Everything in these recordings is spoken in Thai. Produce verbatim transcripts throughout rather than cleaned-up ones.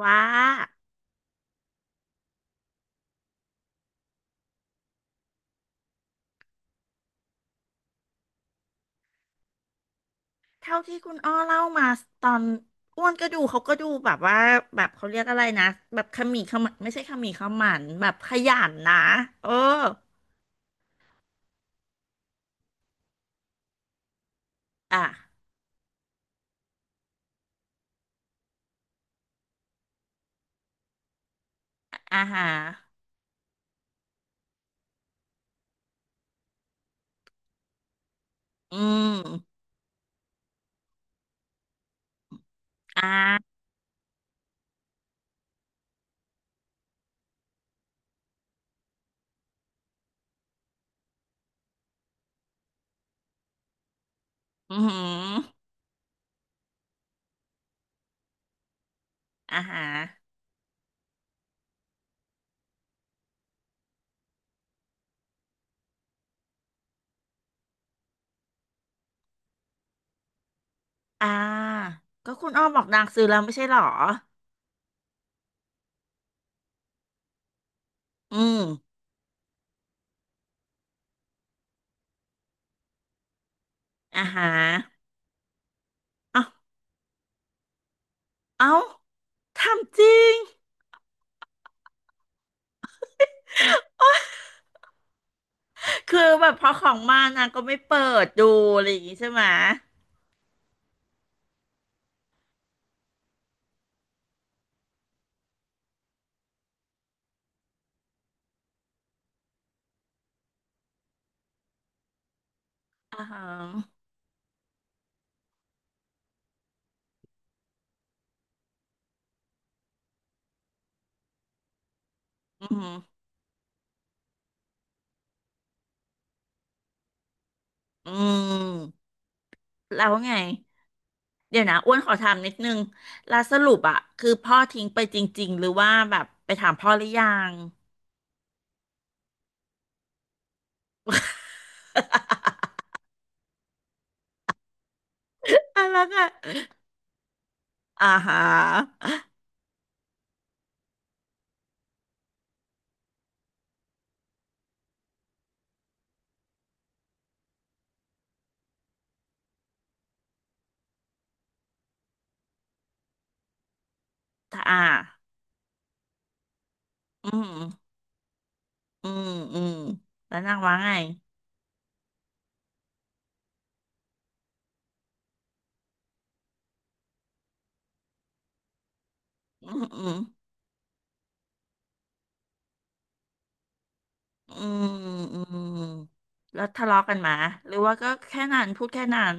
ว่าเท่าที่คุณอ้อเล่ามาตอนอ้วนก็ดูเขาก็ดูแบบว่าแบบเขาเรียกอะไรนะแบบขมีขมันไม่ใช่ขมีขมันแบบขยันนะเอออ่ะอาหารอืมอ่าอือหืออาหารอ่าก็คุณอ้อบอกนางซื้อแล้วไม่ใช่หรออืมอาหารเอ้าเอ้าทำจริงคือแบบพอของมานางก็ไม่เปิดดูอะไรอย่างงี้ใช่ไหมยอ่าฮะอืม อืมแล้วไงเดี๋ยวนะอ้วนขอถามนิดนึงแล้วสรุปอะคือพ่อทิ้งไปจริงๆหรือว่าแบบไปถามพ่อหรือยังอ่ะแล้วก็อ่าฮะถ้าอ่าอืมอืมอืมแล้วนางว่าไงอืมอืมอืมอืมแล้วทะเลาะกันมาหรือว่าก็แค่นั้นพูดแค่นั้น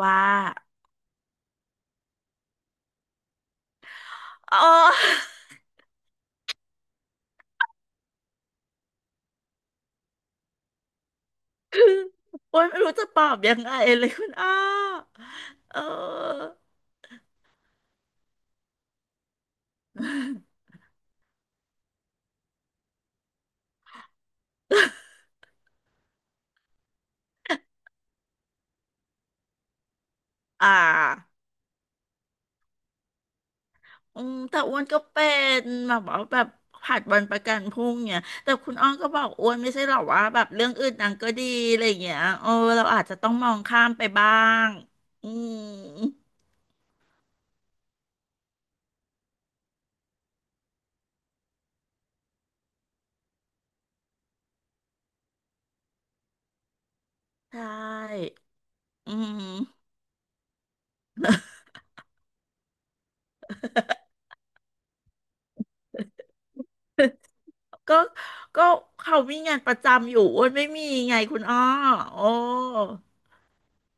ว่าอ๋อ คือโอ้ยไม่รู้จะตอบยังไงเลยคุณอ้อเออ อ่าอืมแต่อ้วนก็เป็นแบบว่าแบบผัดวันประกันพรุ่งเนี่ยแต่คุณอ้อนก็บอกอ้วนไม่ใช่หรอว่าแบบเรื่องอื่นนางก็ดีอะไรอย่างเงี้ยเออเราอาจจะต้องมองข้ามไปบ้างอืมใช่อืม ก็ก็เขามีงานประจำอยู่อ้วนไม่มีไงคุณอ้อโอ้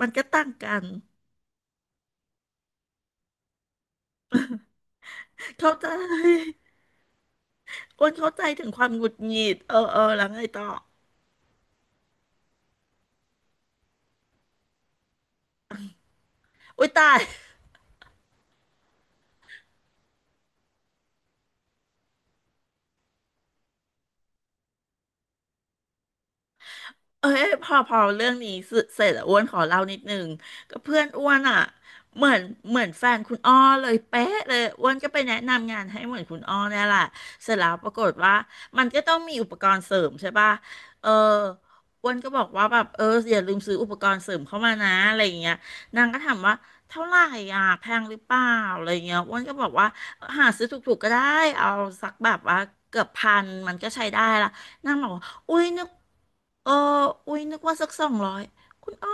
มันก็ต่างกันเข้าใจ อ้วนเข้าใจถึงความหงุดหงิดเออเออแล้วไงต่ออุ้ยตาย เอ้ยพอพอเรื่องนี้เสเสร็จแล้วอ้วนขอเล่านิดนึงก็เพื่อนอ้วนอ่ะเหมือนเหมือนแฟนคุณอ้อเลยเป๊ะเลยอ้วนก็ไปแนะนำงานให้เหมือนคุณอ้อเนี่ยแหละเสร็จแล้วปรากฏว่ามันก็ต้องมีอุปกรณ์เสริมใช่ป่ะเอออ้วนก็บอกว่าแบบเอออย่าลืมซื้ออุปกรณ์เสริมเข้ามานะอะไรอย่างเงี้ยนางก็ถามว่าเท่าไหร่อ่ะแพงหรือเปล่าอะไรอย่างเงี้ยอ้วนก็บอกว่าหาซื้อถูกๆก็ได้เอาสักแบบว่าเกือบพันมันก็ใช้ได้ละนางบอกว่าอุ้ยนึก เอออุ้ยนึกว่าสักสองร้อยคุณอ้อ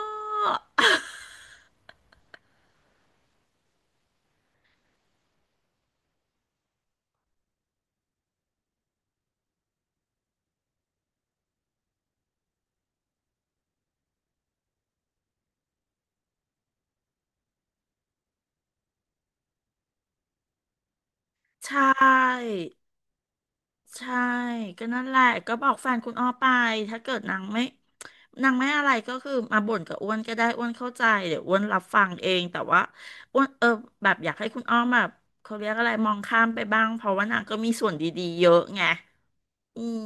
ใช่ใช่ก็นั่นแหละ ก็บอกแฟนคุณอ้อไป ถ้าเกิดนางไม่นางไม่อะไรก็คือมาบ่นกับอ้วนก็ได้อ้วนเข้าใจเดี๋ยวอ้วนรับฟังเองแต่ว่าอ้วนเออแบบอยากให้คุณอ้อมแบบเขาเรียกอะไรมองข้ามไปบ้างเพราะว่านางก็มีส่วนดีๆเยอะไงอืม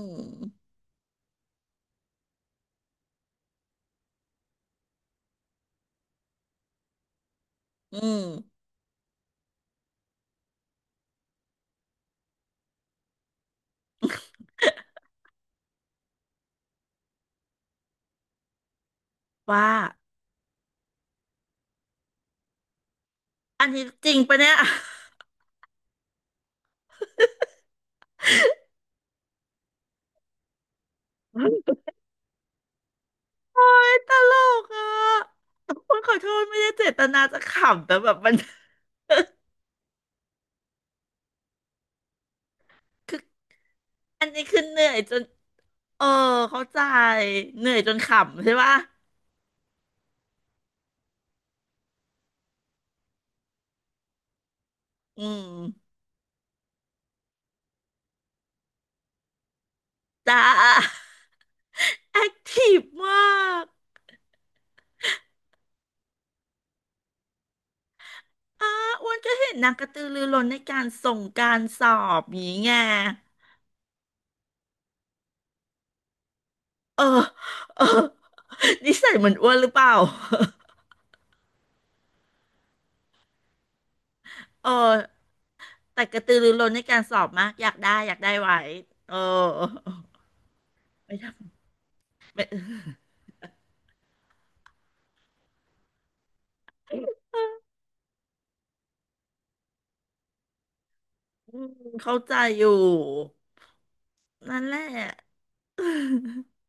อืมว่าอันนี้จริงปะเนี่ย โอ๊ยตลกอ่ะคุณขอโทษไม่ได้เจตนาจะขำแต่แบบมัน คืออันนี้คือเหนื่อยจนเออเข้าใจเหนื่อยจนขำใช่ปะอืมจ้าแอคทีฟมากอ้าอ้วนก็เห็นนางกระตือรือร้นในการส่งการสอบอย่างงี้ไงเออเออนิสัยเหมือนอ้วนหรือเปล่าเออแต่กระตือรือร้นในการสอบมากอยากได้อยากได้ไว้เออไม่ทำ ไม่อืมเข้าใจอยู่นั่นแหละ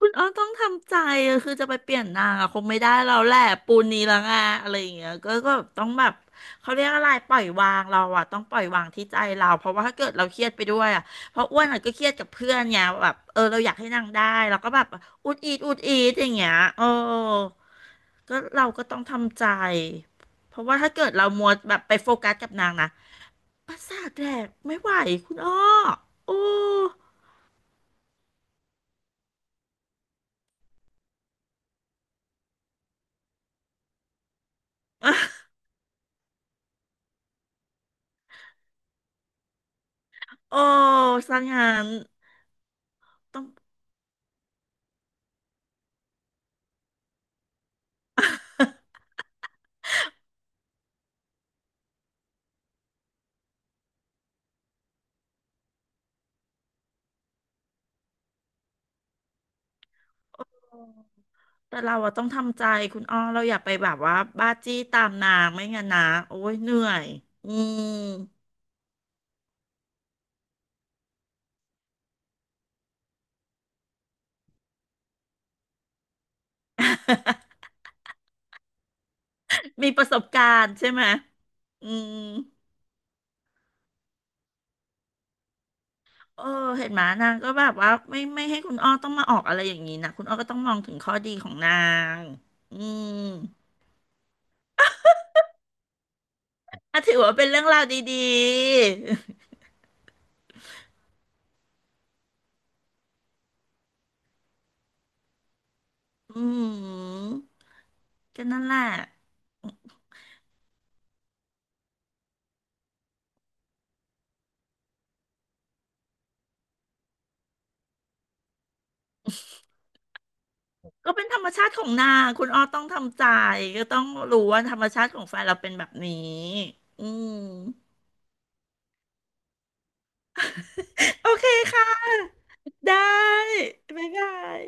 คุณอ้อต้องทำใจอะคือจะไปเปลี่ยนนางอะคงไม่ได้เราแหละปูนนี้แล้วไงอะไรอย่างเงี้ยก็ก็ต้องแบบเขาเรียกอะไรปล่อยวางเราอะต้องปล่อยวางที่ใจเราเพราะว่าถ้าเกิดเราเครียดไปด้วยอะเพราะอ้วนอะก็เครียดกับเพื่อนไงแบบเออเราอยากให้นางได้เราก็แบบอุดอีดอุดอีดอย่างเงี้ยเออก็เราก็ต้องทำใจเพราะว่าถ้าเกิดเรามัวแบบไปโฟกัสกับนางนะ ประสาทแดกไม่ไหวคุณอ้อโอ้อ่ะโอ้สังหารต้องแต่เราอะต้องทำใจคุณอ้อเราอย่าไปแบบว่าบ้าจี้ตามนางไม่งั้นนะโอ้ยเหนื่อยอืมมีประสบการณ์ใช่ไหมอืมเออเห็นไหมนางก็แบบว่าไม่ไม่ให้คุณอ้อต้องมาออกอะไรอย่างนี้นะคุณอ้อก็ต้องมองถึงข้อดีของนางอืมอ่ะถือว่าเป็นเรื่องราวดีๆอืมก็นั่นแหละ ก็เป็นธรรมชาติของนางคุณอ้อต้องทำใจก็ต้องรู้ว่าธรรมชาติของแฟนเราเป็นแบบนี้อืมโอเคค่ะ ได้บ๊ายบาย